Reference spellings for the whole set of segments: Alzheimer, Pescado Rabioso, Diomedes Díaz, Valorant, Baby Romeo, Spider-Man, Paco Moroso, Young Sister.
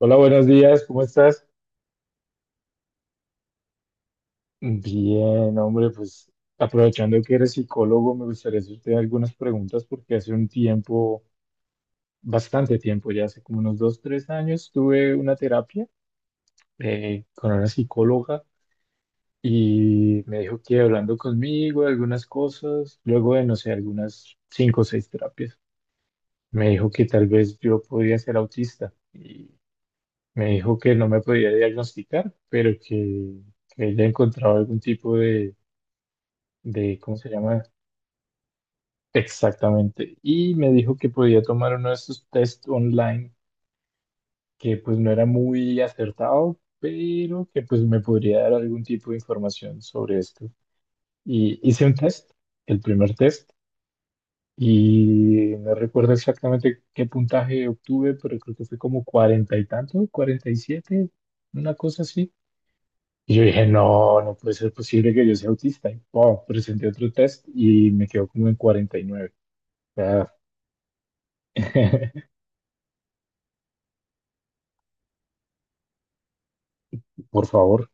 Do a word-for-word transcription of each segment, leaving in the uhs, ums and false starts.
Hola, buenos días, ¿cómo estás? Bien, hombre, pues aprovechando que eres psicólogo, me gustaría hacerte algunas preguntas porque hace un tiempo, bastante tiempo, ya hace como unos dos, tres años, tuve una terapia eh, con una psicóloga y me dijo que hablando conmigo de algunas cosas, luego de, no sé, algunas cinco o seis terapias, me dijo que tal vez yo podía ser autista y me dijo que no me podía diagnosticar, pero que que ella encontraba algún tipo de de, ¿cómo se llama? Exactamente. Y me dijo que podía tomar uno de esos test online que pues no era muy acertado, pero que pues me podría dar algún tipo de información sobre esto. Y hice un test, el primer test, y no recuerdo exactamente qué puntaje obtuve, pero creo que fue como cuarenta y tanto, cuarenta y siete, una cosa así. Y yo dije, no, no puede ser posible que yo sea autista. Y, pum, presenté otro test y me quedó como en cuarenta y nueve. O sea, por favor.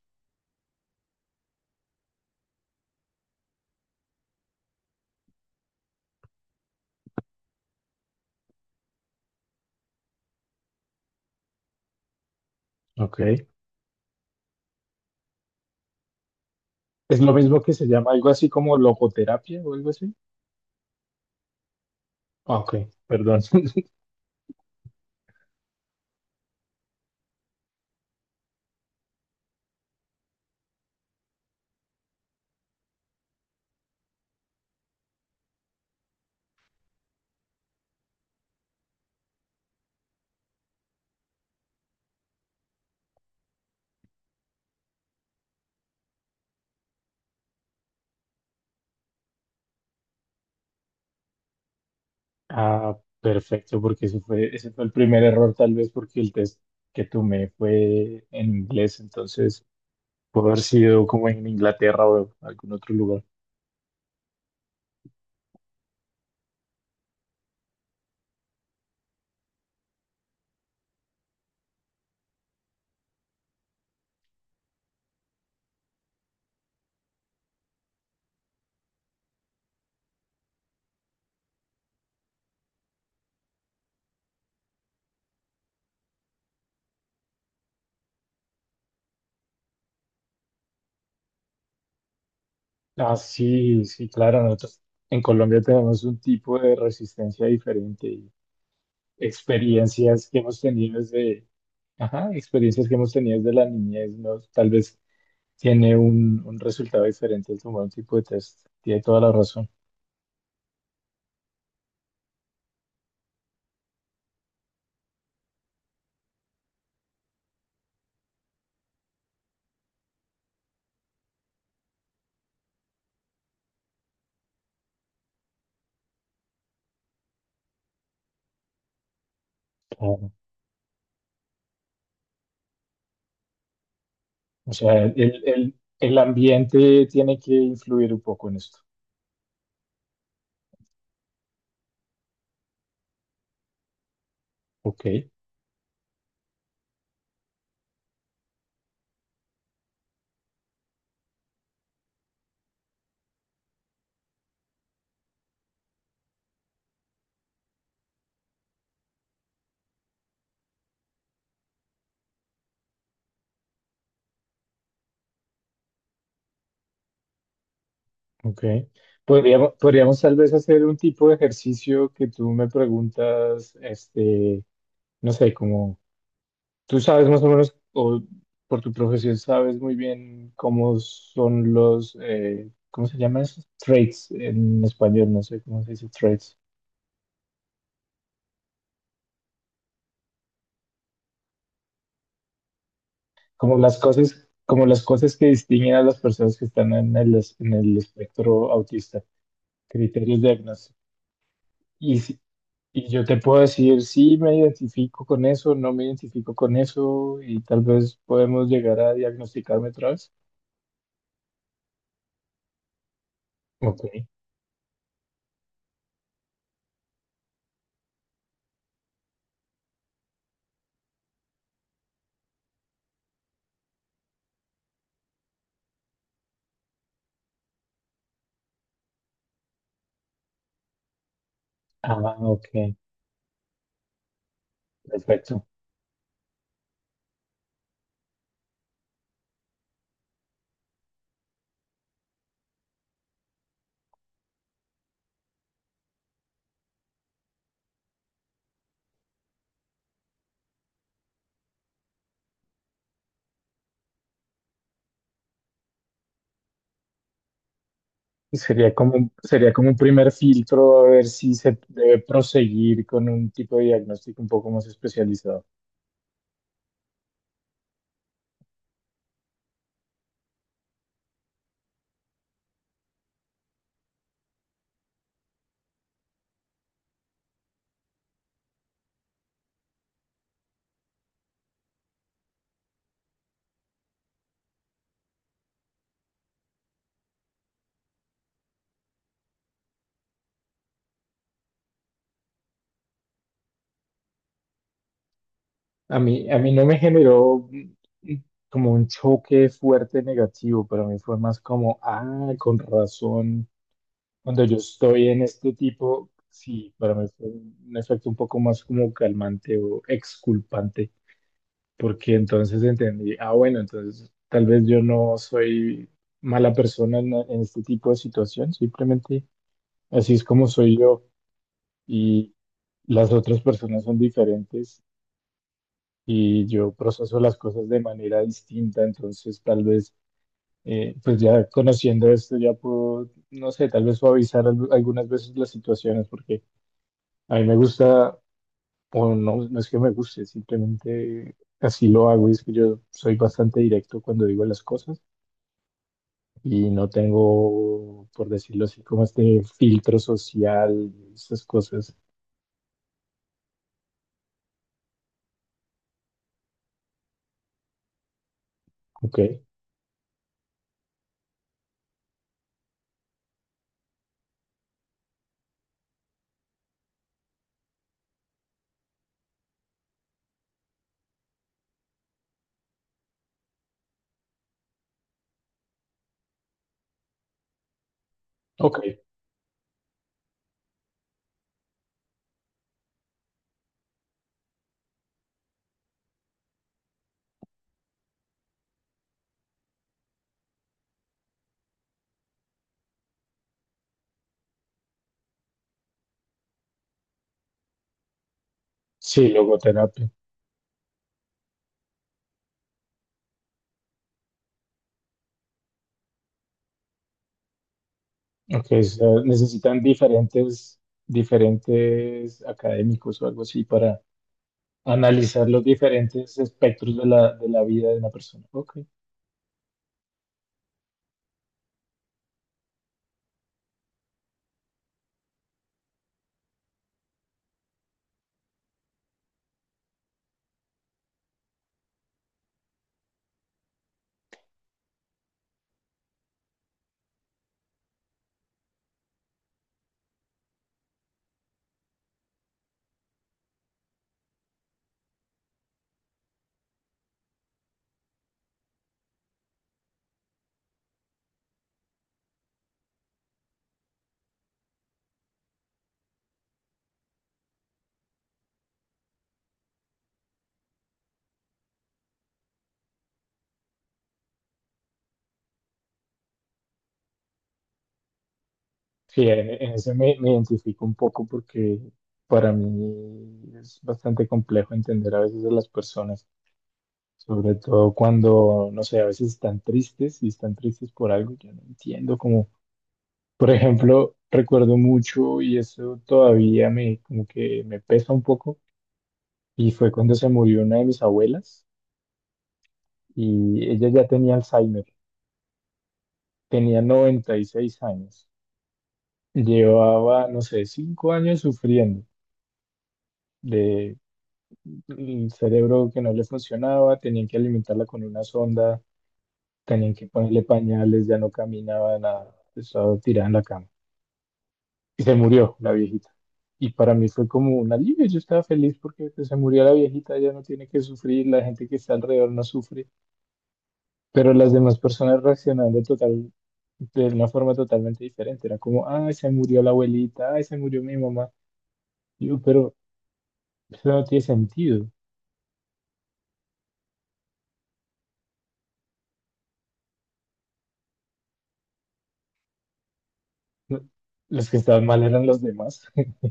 Ok. Es lo mismo que se llama algo así como logoterapia o algo así. Ah, ok, perdón. Ah, perfecto, porque eso fue, ese fue el primer error, tal vez porque el test que tomé fue en inglés, entonces pudo haber sido como en Inglaterra o algún otro lugar. Ah, sí, sí, claro, nosotros en Colombia tenemos un tipo de resistencia diferente y experiencias que hemos tenido desde, ajá, experiencias que hemos tenido desde la niñez, ¿no? Tal vez tiene un, un resultado diferente al tomar un tipo de test. Tiene toda la razón. Claro. O sea, el, el- el ambiente tiene que influir un poco en esto. Ok, ok. Podríamos, podríamos tal vez hacer un tipo de ejercicio que tú me preguntas, este, no sé, como tú sabes más o menos, o por tu profesión sabes muy bien cómo son los, eh, ¿cómo se llaman esos? Traits en español, no sé cómo se dice traits. como las cosas, como las cosas que distinguen a las personas que están en el, es- en el espectro autista, criterios de diagnóstico. Y, si- Y yo te puedo decir, sí, me identifico con eso, no me identifico con eso, y tal vez podemos llegar a diagnosticarme otra vez. Ok. Ah, ok. Perfecto. Sería como, un- sería como un primer filtro a ver si se debe proseguir con un tipo de diagnóstico un poco más especializado. A mí, a mí no me generó mm, como un choque fuerte negativo, para mí fue más como, ah, con razón, cuando yo estoy en este tipo, sí, para mí fue un efecto un poco más como calmante o exculpante, porque entonces entendí, ah, bueno, entonces tal vez yo no soy mala persona en, en este tipo de situación, simplemente así es como soy yo y las otras personas son diferentes y yo proceso las cosas de manera distinta, entonces tal vez, eh, pues ya conociendo esto, ya puedo, no sé, tal vez suavizar al- algunas veces las situaciones, porque a mí me gusta, o no, no es que me guste, simplemente así lo hago, y es que yo soy bastante directo cuando digo las cosas y no tengo, por decirlo así, como este filtro social, esas cosas, ok, ok. Sí, logoterapia. Ok, o sea, necesitan diferentes, diferentes académicos o algo así para analizar los diferentes espectros de la, de la vida de una persona. Ok, sí, en, en eso me, me identifico un poco porque para mí es bastante complejo entender a veces a las personas, sobre todo cuando, no sé, a veces están tristes y están tristes por algo, que no entiendo como, por ejemplo, recuerdo mucho y eso todavía me, como que me pesa un poco y fue cuando se murió una de mis abuelas y ella ya tenía Alzheimer, tenía noventa y seis años, llevaba, no sé, cinco años sufriendo de el cerebro que no le funcionaba, tenían que alimentarla con una sonda, tenían que ponerle pañales, ya no caminaba nada, estaba tirada en la cama y se murió la viejita. Y para mí fue como un alivio, yo estaba feliz porque pues, se murió la viejita, ya no tiene que sufrir, la gente que está alrededor no sufre. Pero las demás personas reaccionando total, de una forma totalmente diferente. Era como, ay, se murió la abuelita, ay, se murió mi mamá. Y yo, pero eso no tiene sentido. No- Los que estaban mal eran los demás.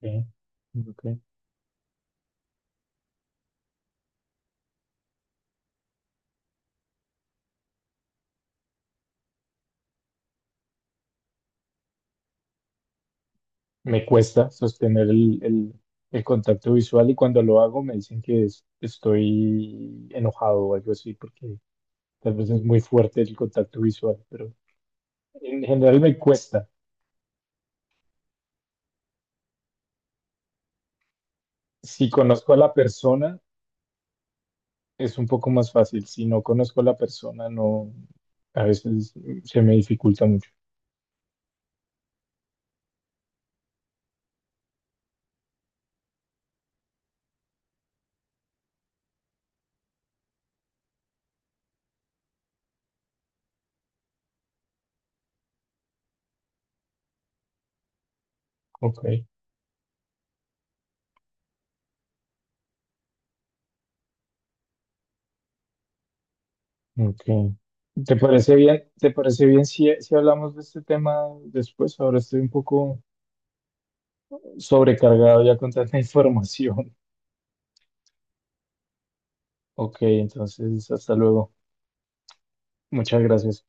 Ok, ok. Me cuesta sostener el, el- el contacto visual y cuando lo hago me dicen que es- estoy enojado o algo así, porque tal vez es muy fuerte el contacto visual, pero en general me cuesta. Si conozco a la persona, es un poco más fácil. Si no conozco a la persona, no, a veces se me dificulta mucho. Ok, ok. ¿Te parece bien? ¿Te parece bien si, si hablamos de este tema después? Ahora estoy un poco sobrecargado ya con tanta información. Ok, entonces, hasta luego. Muchas gracias.